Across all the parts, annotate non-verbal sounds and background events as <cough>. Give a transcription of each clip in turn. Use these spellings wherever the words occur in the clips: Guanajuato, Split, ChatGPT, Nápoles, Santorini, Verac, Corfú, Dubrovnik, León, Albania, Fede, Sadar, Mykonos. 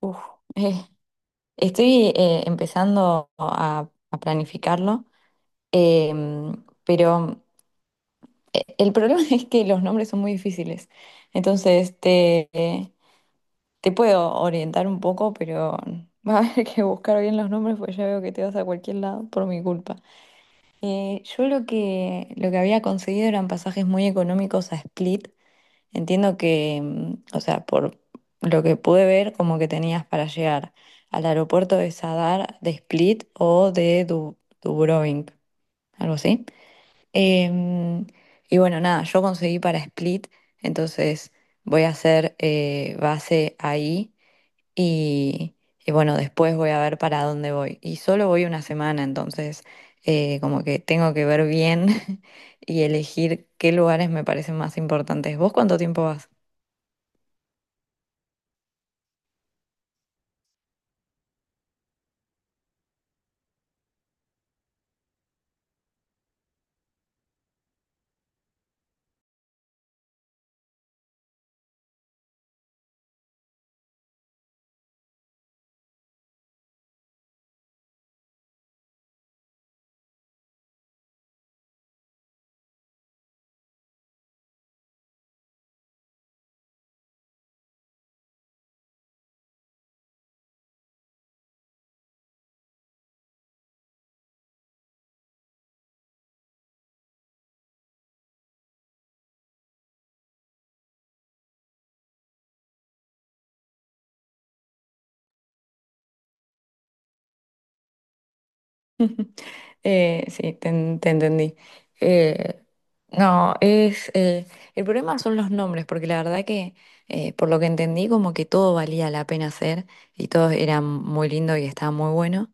Uf, eh, estoy empezando a planificarlo, pero el problema <laughs> es que los nombres son muy difíciles. Entonces, te puedo orientar un poco, pero va a <laughs> haber que buscar bien los nombres, porque ya veo que te vas a cualquier lado por mi culpa. Yo lo que había conseguido eran pasajes muy económicos a Split. Entiendo que, o sea, por lo que pude ver, como que tenías para llegar al aeropuerto de Sadar, de Split o de Dubrovnik, algo así. Em, y bueno, nada, yo conseguí para Split, entonces voy a hacer base ahí y, y bueno, después voy a ver para dónde voy. Y solo voy una semana, entonces como que tengo que ver bien <laughs> y elegir qué lugares me parecen más importantes. ¿Vos cuánto tiempo vas? Sí, te entendí. Eh, no, es el problema son los nombres, porque la verdad que por lo que entendí como que todo valía la pena hacer y todo era muy lindo y estaba muy bueno.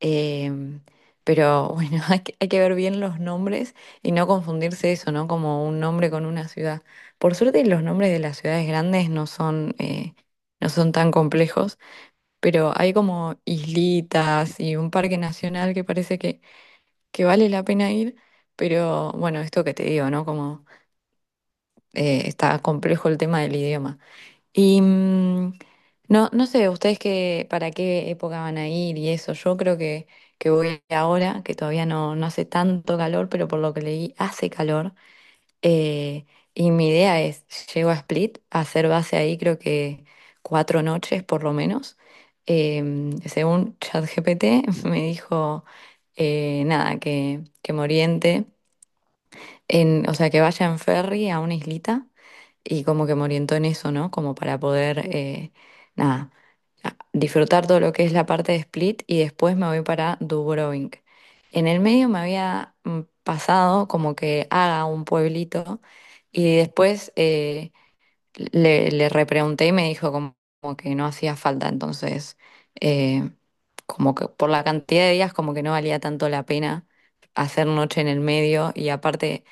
Em, pero bueno, <laughs> hay que ver bien los nombres y no confundirse eso, ¿no? Como un nombre con una ciudad. Por suerte los nombres de las ciudades grandes no son, no son tan complejos, pero hay como islitas y un parque nacional que parece que vale la pena ir, pero bueno, esto que te digo, ¿no? Como está complejo el tema del idioma. Y no, no sé, ustedes qué, para qué época van a ir y eso. Yo creo que voy ahora, que todavía no, no hace tanto calor, pero por lo que leí hace calor. Eh, y mi idea es, llego a Split, a hacer base ahí, creo que 4 noches por lo menos. Según ChatGPT <laughs> me dijo nada, que me oriente en, o sea, que vaya en ferry a una islita y como que me orientó en eso, ¿no? Como para poder, nada, disfrutar todo lo que es la parte de Split y después me voy para Dubrovnik. En el medio me había pasado como que haga un pueblito y después le repregunté y me dijo como que no hacía falta, entonces eh, como que por la cantidad de días como que no valía tanto la pena hacer noche en el medio y aparte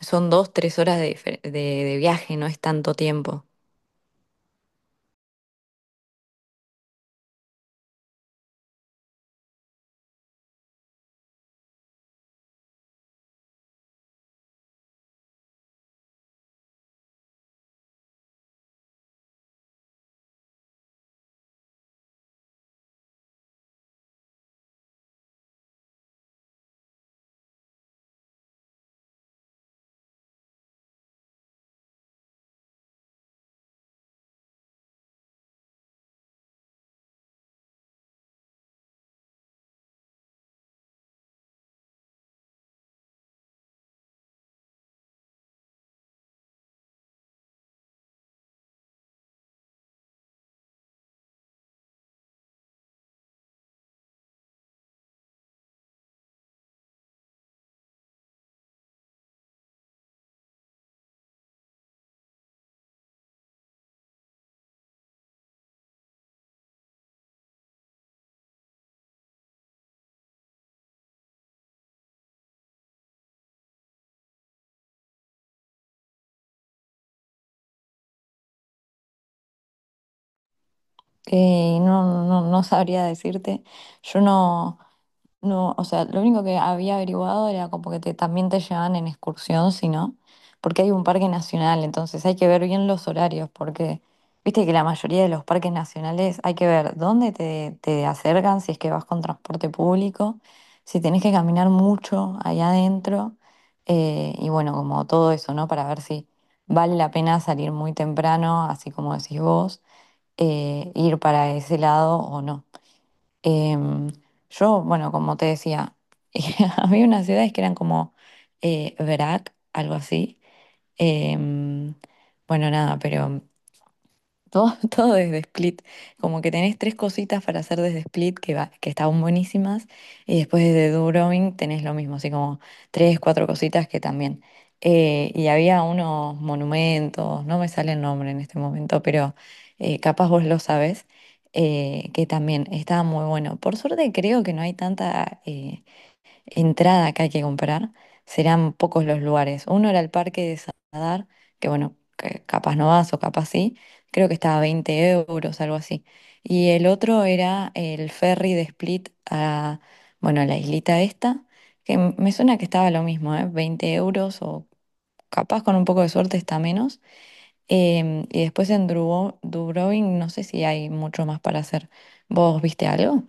son dos, tres horas de viaje, no es tanto tiempo. No, no, no sabría decirte. Yo no. No, o sea, lo único que había averiguado era como que también te llevan en excursión, si no, porque hay un parque nacional, entonces hay que ver bien los horarios, porque viste que la mayoría de los parques nacionales hay que ver dónde te, te acercan, si es que vas con transporte público, si tenés que caminar mucho allá adentro, y bueno, como todo eso, ¿no? Para ver si vale la pena salir muy temprano, así como decís vos, ir para ese lado o no. Em, yo, bueno, como te decía, <laughs> había unas ciudades que eran como Verac, algo así. Em, bueno, nada, pero todo, <laughs> todo desde Split. Como que tenés tres cositas para hacer desde Split que, va, que estaban buenísimas. Y después desde Durovin tenés lo mismo, así como tres, cuatro cositas que también. Y había unos monumentos, no me sale el nombre en este momento, pero capaz vos lo sabés, que también estaba muy bueno. Por suerte creo que no hay tanta entrada que hay que comprar, serán pocos los lugares. Uno era el Parque de Sadar, que bueno, que capaz no vas o capaz sí, creo que estaba a 20 euros, algo así. Y el otro era el ferry de Split a, bueno, a la islita esta, que me suena que estaba lo mismo, ¿eh? 20 euros o capaz con un poco de suerte está menos. Y después en Dubrovnik no sé si hay mucho más para hacer. ¿Vos viste algo?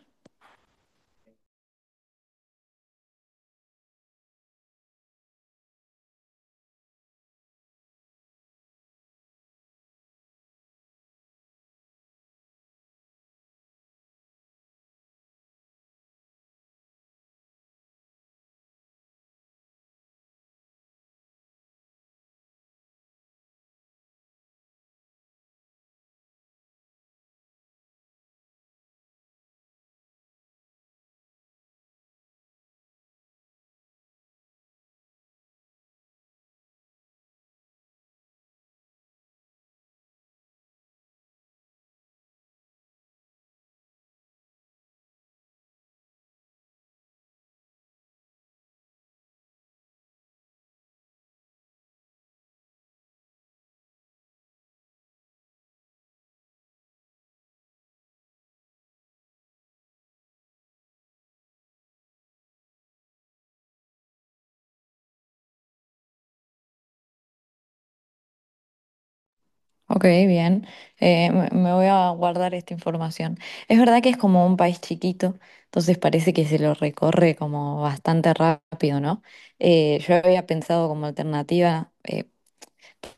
Ok, bien. Me voy a guardar esta información. Es verdad que es como un país chiquito, entonces parece que se lo recorre como bastante rápido, ¿no? Yo había pensado como alternativa,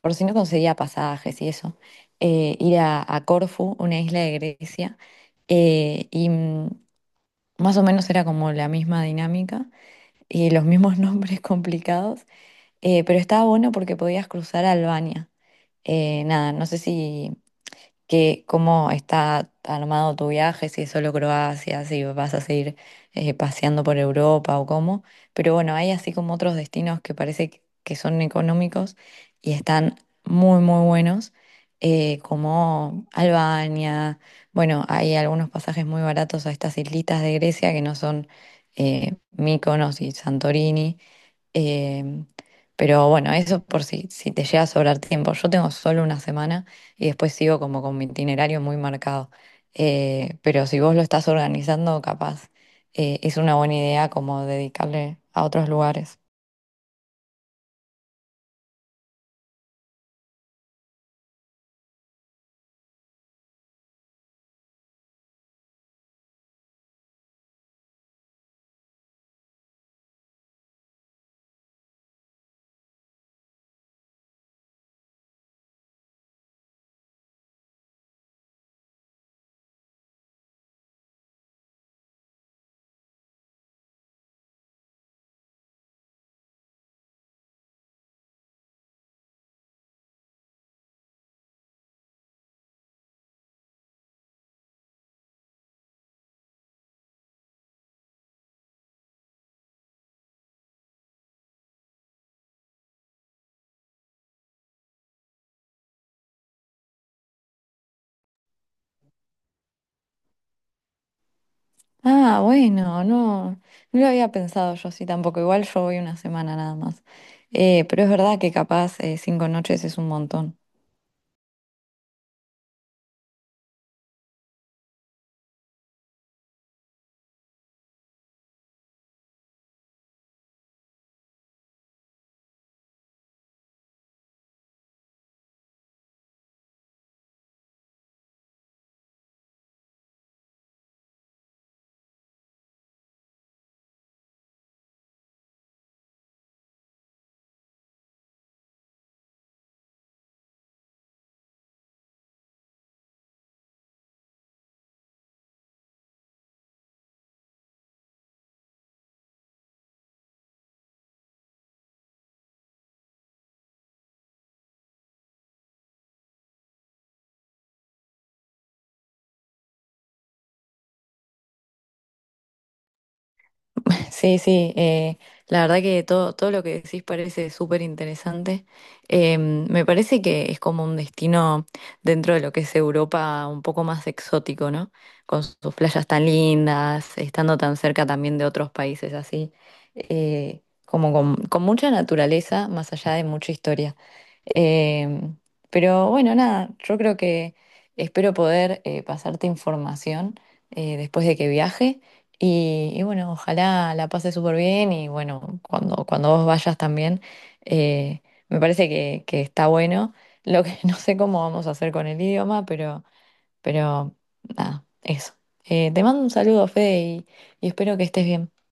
por si no conseguía pasajes y eso, ir a Corfú, una isla de Grecia, y más o menos era como la misma dinámica y los mismos <laughs> nombres complicados, pero estaba bueno porque podías cruzar a Albania. Nada, no sé si que cómo está armado tu viaje, si es solo Croacia, si vas a seguir paseando por Europa o cómo. Pero bueno, hay así como otros destinos que parece que son económicos y están muy, muy buenos, como Albania. Bueno, hay algunos pasajes muy baratos a estas islitas de Grecia que no son Mykonos y Santorini. Eh, pero bueno, eso por si, te llega a sobrar tiempo. Yo tengo solo una semana y después sigo como con mi itinerario muy marcado. Pero si vos lo estás organizando, capaz es una buena idea como dedicarle a otros lugares. Ah, bueno, no, no lo había pensado yo sí tampoco. Igual yo voy una semana nada más. Pero es verdad que capaz 5 noches es un montón. Sí, sí, la verdad que todo, todo lo que decís parece súper interesante. Me parece que es como un destino dentro de lo que es Europa un poco más exótico, ¿no? Con sus playas tan lindas, estando tan cerca también de otros países así, como con mucha naturaleza, más allá de mucha historia. Eh, pero bueno, nada, yo creo que espero poder pasarte información después de que viaje. Y bueno, ojalá la pase súper bien y bueno, cuando vos vayas también, eh, me parece que está bueno. Lo que <laughs> no sé cómo vamos a hacer con el idioma, pero nada, eso. Te mando un saludo, Fede, y espero que estés bien.